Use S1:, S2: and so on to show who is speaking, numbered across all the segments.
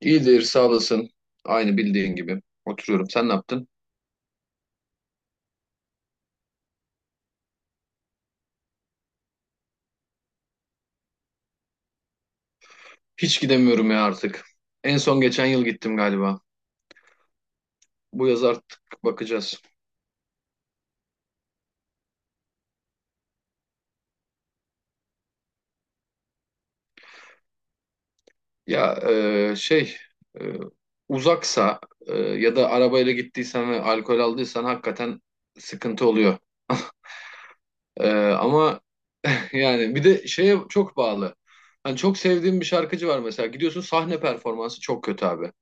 S1: İyidir, sağ olasın. Aynı bildiğin gibi. Oturuyorum. Sen ne yaptın? Hiç gidemiyorum ya artık. En son geçen yıl gittim galiba. Bu yaz artık bakacağız. Ya e, şey e, uzaksa ya da arabayla gittiysen ve alkol aldıysan hakikaten sıkıntı oluyor. Ama yani bir de şeye çok bağlı. Hani çok sevdiğim bir şarkıcı var mesela. Gidiyorsun, sahne performansı çok kötü abi.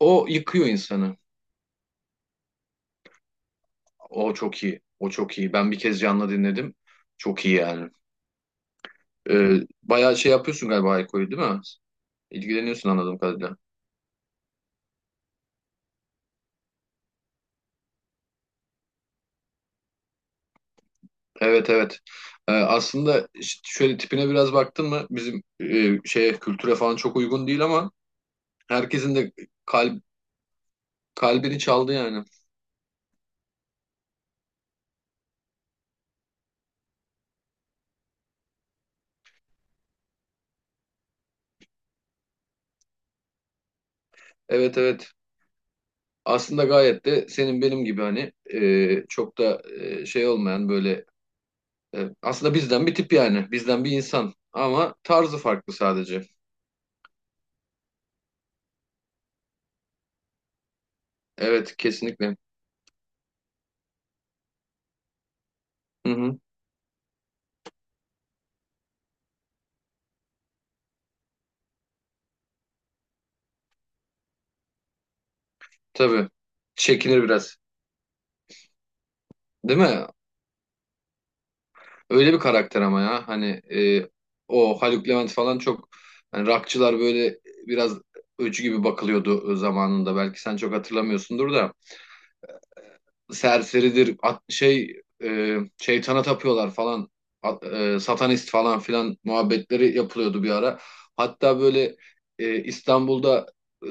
S1: O yıkıyor insanı. O çok iyi. O çok iyi. Ben bir kez canlı dinledim. Çok iyi yani. Bayağı şey yapıyorsun galiba Hayko'yu, değil mi? İlgileniyorsun anladığım kadarıyla. Evet, evet. Aslında şöyle, tipine biraz baktın mı, bizim şeye, kültüre falan çok uygun değil ama herkesin de kalp kalbini çaldı yani. Evet, evet. Aslında gayet de senin benim gibi, hani çok da şey olmayan, böyle aslında bizden bir tip yani. Bizden bir insan ama tarzı farklı sadece. Evet, kesinlikle. Hı hı, tabii. Çekinir biraz. Değil mi? Öyle bir karakter ama ya. Hani o Haluk Levent falan, çok, hani rockçılar böyle biraz öcü gibi bakılıyordu zamanında. Belki sen çok hatırlamıyorsundur da. Serseridir. Şeytana tapıyorlar falan. Satanist falan filan muhabbetleri yapılıyordu bir ara. Hatta böyle İstanbul'da e,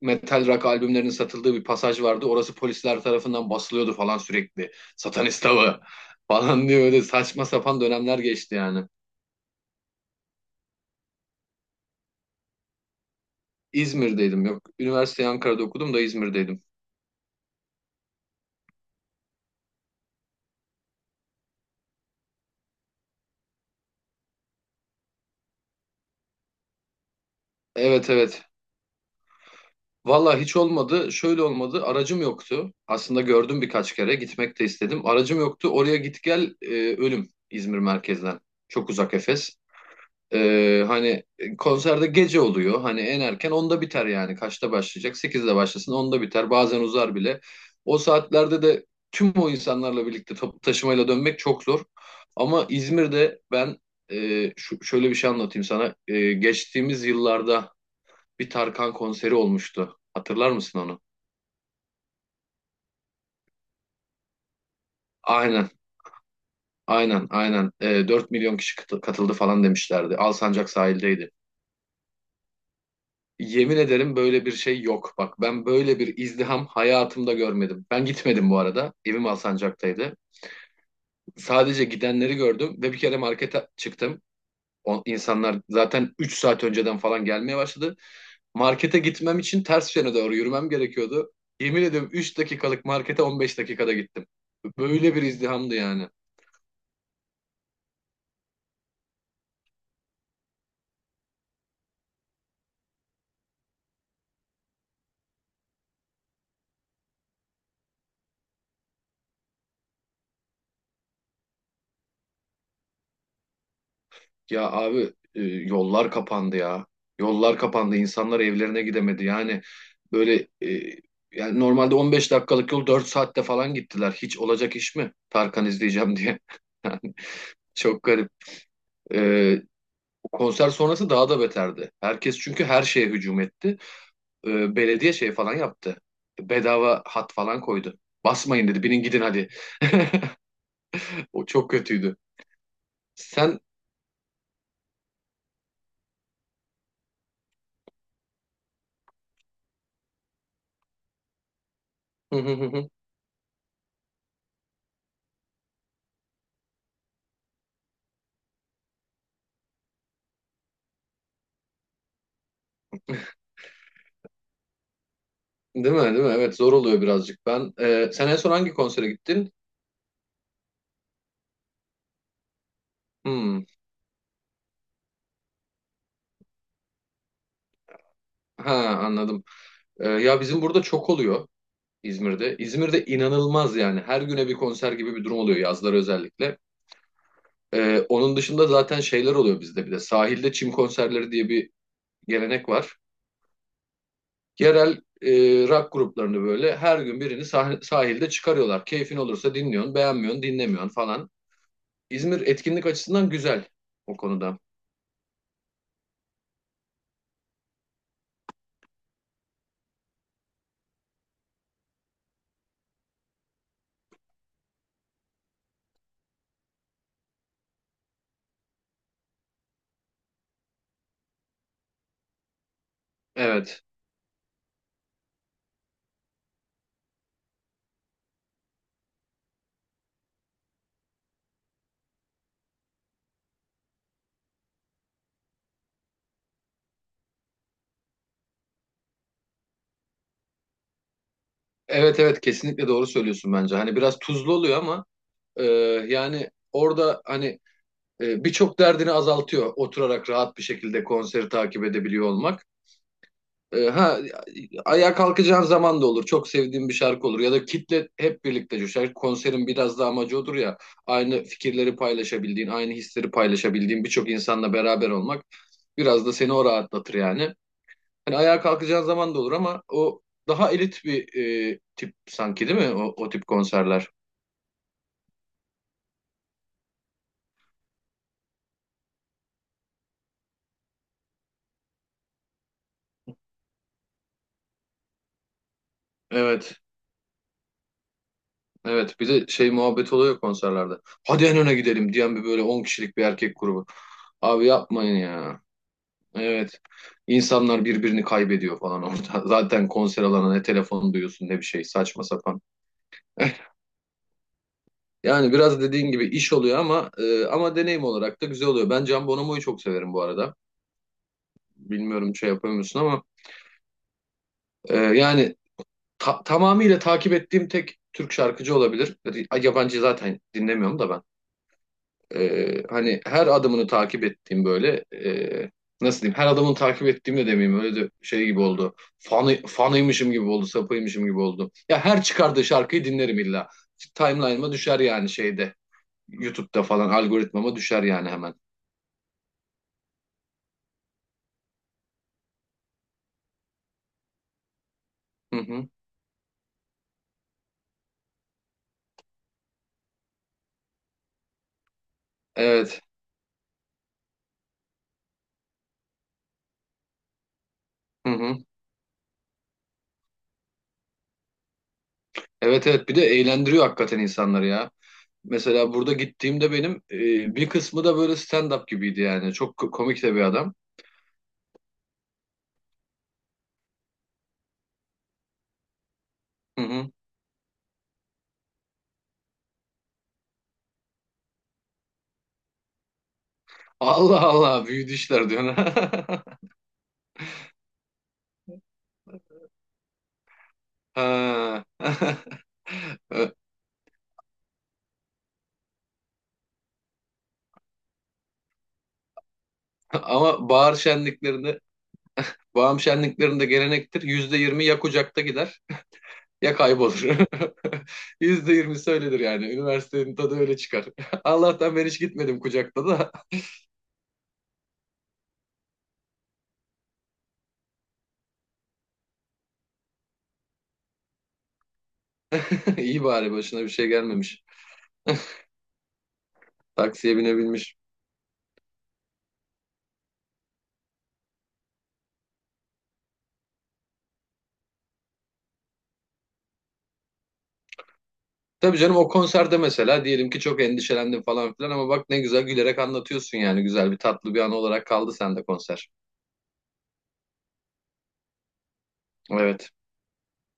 S1: metal rock albümlerinin satıldığı bir pasaj vardı. Orası polisler tarafından basılıyordu falan sürekli. Satanist avı falan diye öyle saçma sapan dönemler geçti yani. İzmir'deydim, yok. Üniversiteyi Ankara'da okudum da İzmir'deydim. Evet, evet. Valla hiç olmadı. Şöyle olmadı. Aracım yoktu. Aslında gördüm birkaç kere. Gitmek de istedim. Aracım yoktu. Oraya git gel ölüm İzmir merkezden. Çok uzak Efes. Hani konserde gece oluyor. Hani en erken 10'da biter yani. Kaçta başlayacak? 8'de başlasın, 10'da biter. Bazen uzar bile. O saatlerde de tüm o insanlarla birlikte toplu taşımayla dönmek çok zor. Ama İzmir'de ben şöyle bir şey anlatayım sana. Geçtiğimiz yıllarda bir Tarkan konseri olmuştu. Hatırlar mısın onu? Aynen, aynen, aynen. 4 milyon kişi katıldı falan demişlerdi. Alsancak sahildeydi. Yemin ederim böyle bir şey yok. Bak ben böyle bir izdiham hayatımda görmedim. Ben gitmedim bu arada. Evim Alsancak'taydı. Sadece gidenleri gördüm ve bir kere markete çıktım. O insanlar zaten 3 saat önceden falan gelmeye başladı. Markete gitmem için ters yöne doğru yürümem gerekiyordu. Yemin ediyorum, 3 dakikalık markete 15 dakikada gittim. Böyle bir izdihamdı yani. Ya abi, yollar kapandı ya. Yollar kapandı. İnsanlar evlerine gidemedi. Yani böyle, normalde 15 dakikalık yol 4 saatte falan gittiler. Hiç olacak iş mi, Tarkan izleyeceğim diye? Çok garip. E, Konser sonrası daha da beterdi. Herkes çünkü her şeye hücum etti. Belediye şey falan yaptı. Bedava hat falan koydu. Basmayın, dedi. Binin gidin hadi. O çok kötüydü. Sen. Değil mi? Değil mi? Evet, zor oluyor birazcık. Sen en son hangi konsere gittin? Hmm. Ha, anladım. Ya bizim burada çok oluyor, İzmir'de. İzmir'de inanılmaz yani. Her güne bir konser gibi bir durum oluyor, yazları özellikle. Onun dışında zaten şeyler oluyor bizde bir de. Sahilde çim konserleri diye bir gelenek var. Yerel e, rock gruplarını böyle her gün birini sahilde çıkarıyorlar. Keyfin olursa dinliyorsun, beğenmiyorsun, dinlemiyorsun falan. İzmir etkinlik açısından güzel o konuda. Evet. Evet, evet, kesinlikle doğru söylüyorsun bence. Hani biraz tuzlu oluyor ama e, yani orada, hani, birçok derdini azaltıyor oturarak rahat bir şekilde konseri takip edebiliyor olmak. E, ha Ayağa kalkacağın zaman da olur. Çok sevdiğim bir şarkı olur ya da kitle hep birlikte coşar. Konserin biraz da amacı odur ya. Aynı fikirleri paylaşabildiğin, aynı hisleri paylaşabildiğin birçok insanla beraber olmak biraz da seni o rahatlatır yani. Hani ayağa kalkacağın zaman da olur ama o daha elit bir tip sanki, değil mi? O, o tip konserler. Evet. Evet, bir de şey muhabbet oluyor konserlerde. Hadi en öne gidelim diyen bir böyle 10 kişilik bir erkek grubu. Abi, yapmayın ya. Evet. İnsanlar birbirini kaybediyor falan orada. Zaten konser alanına ne telefon duyuyorsun, ne bir şey, saçma sapan. Yani biraz dediğin gibi iş oluyor ama deneyim olarak da güzel oluyor. Ben Can Bonomo'yu çok severim bu arada. Bilmiyorum şey yapıyor musun ama yani tamamıyla takip ettiğim tek Türk şarkıcı olabilir. Yabancı zaten dinlemiyorum da ben. Hani her adımını takip ettiğim, böyle, nasıl diyeyim, her adımını takip ettiğim de demeyeyim, öyle de şey gibi oldu. Fanıymışım gibi oldu, sapıymışım gibi oldu. Ya her çıkardığı şarkıyı dinlerim illa. Timeline'ıma düşer yani, şeyde, YouTube'da falan algoritmama düşer yani hemen. Hı hı. Evet. Hı hı. Evet, evet, bir de eğlendiriyor hakikaten insanları ya. Mesela burada gittiğimde benim bir kısmı da böyle stand-up gibiydi yani. Çok komik de bir adam. Hı hı. Allah Allah, büyüdü işler diyorsun. Ha. Ama bahar şenliklerinde, bağım şenliklerinde gelenektir. %20 ya kucakta gider ya kaybolur. %20 söylenir yani. Üniversitenin tadı öyle çıkar. Allah'tan ben hiç gitmedim kucakta da. İyi, bari başına bir şey gelmemiş. Taksiye binebilmiş. Tabii canım, o konserde mesela diyelim ki çok endişelendim falan filan ama bak ne güzel gülerek anlatıyorsun, yani güzel bir, tatlı bir an olarak kaldı sende konser. Evet.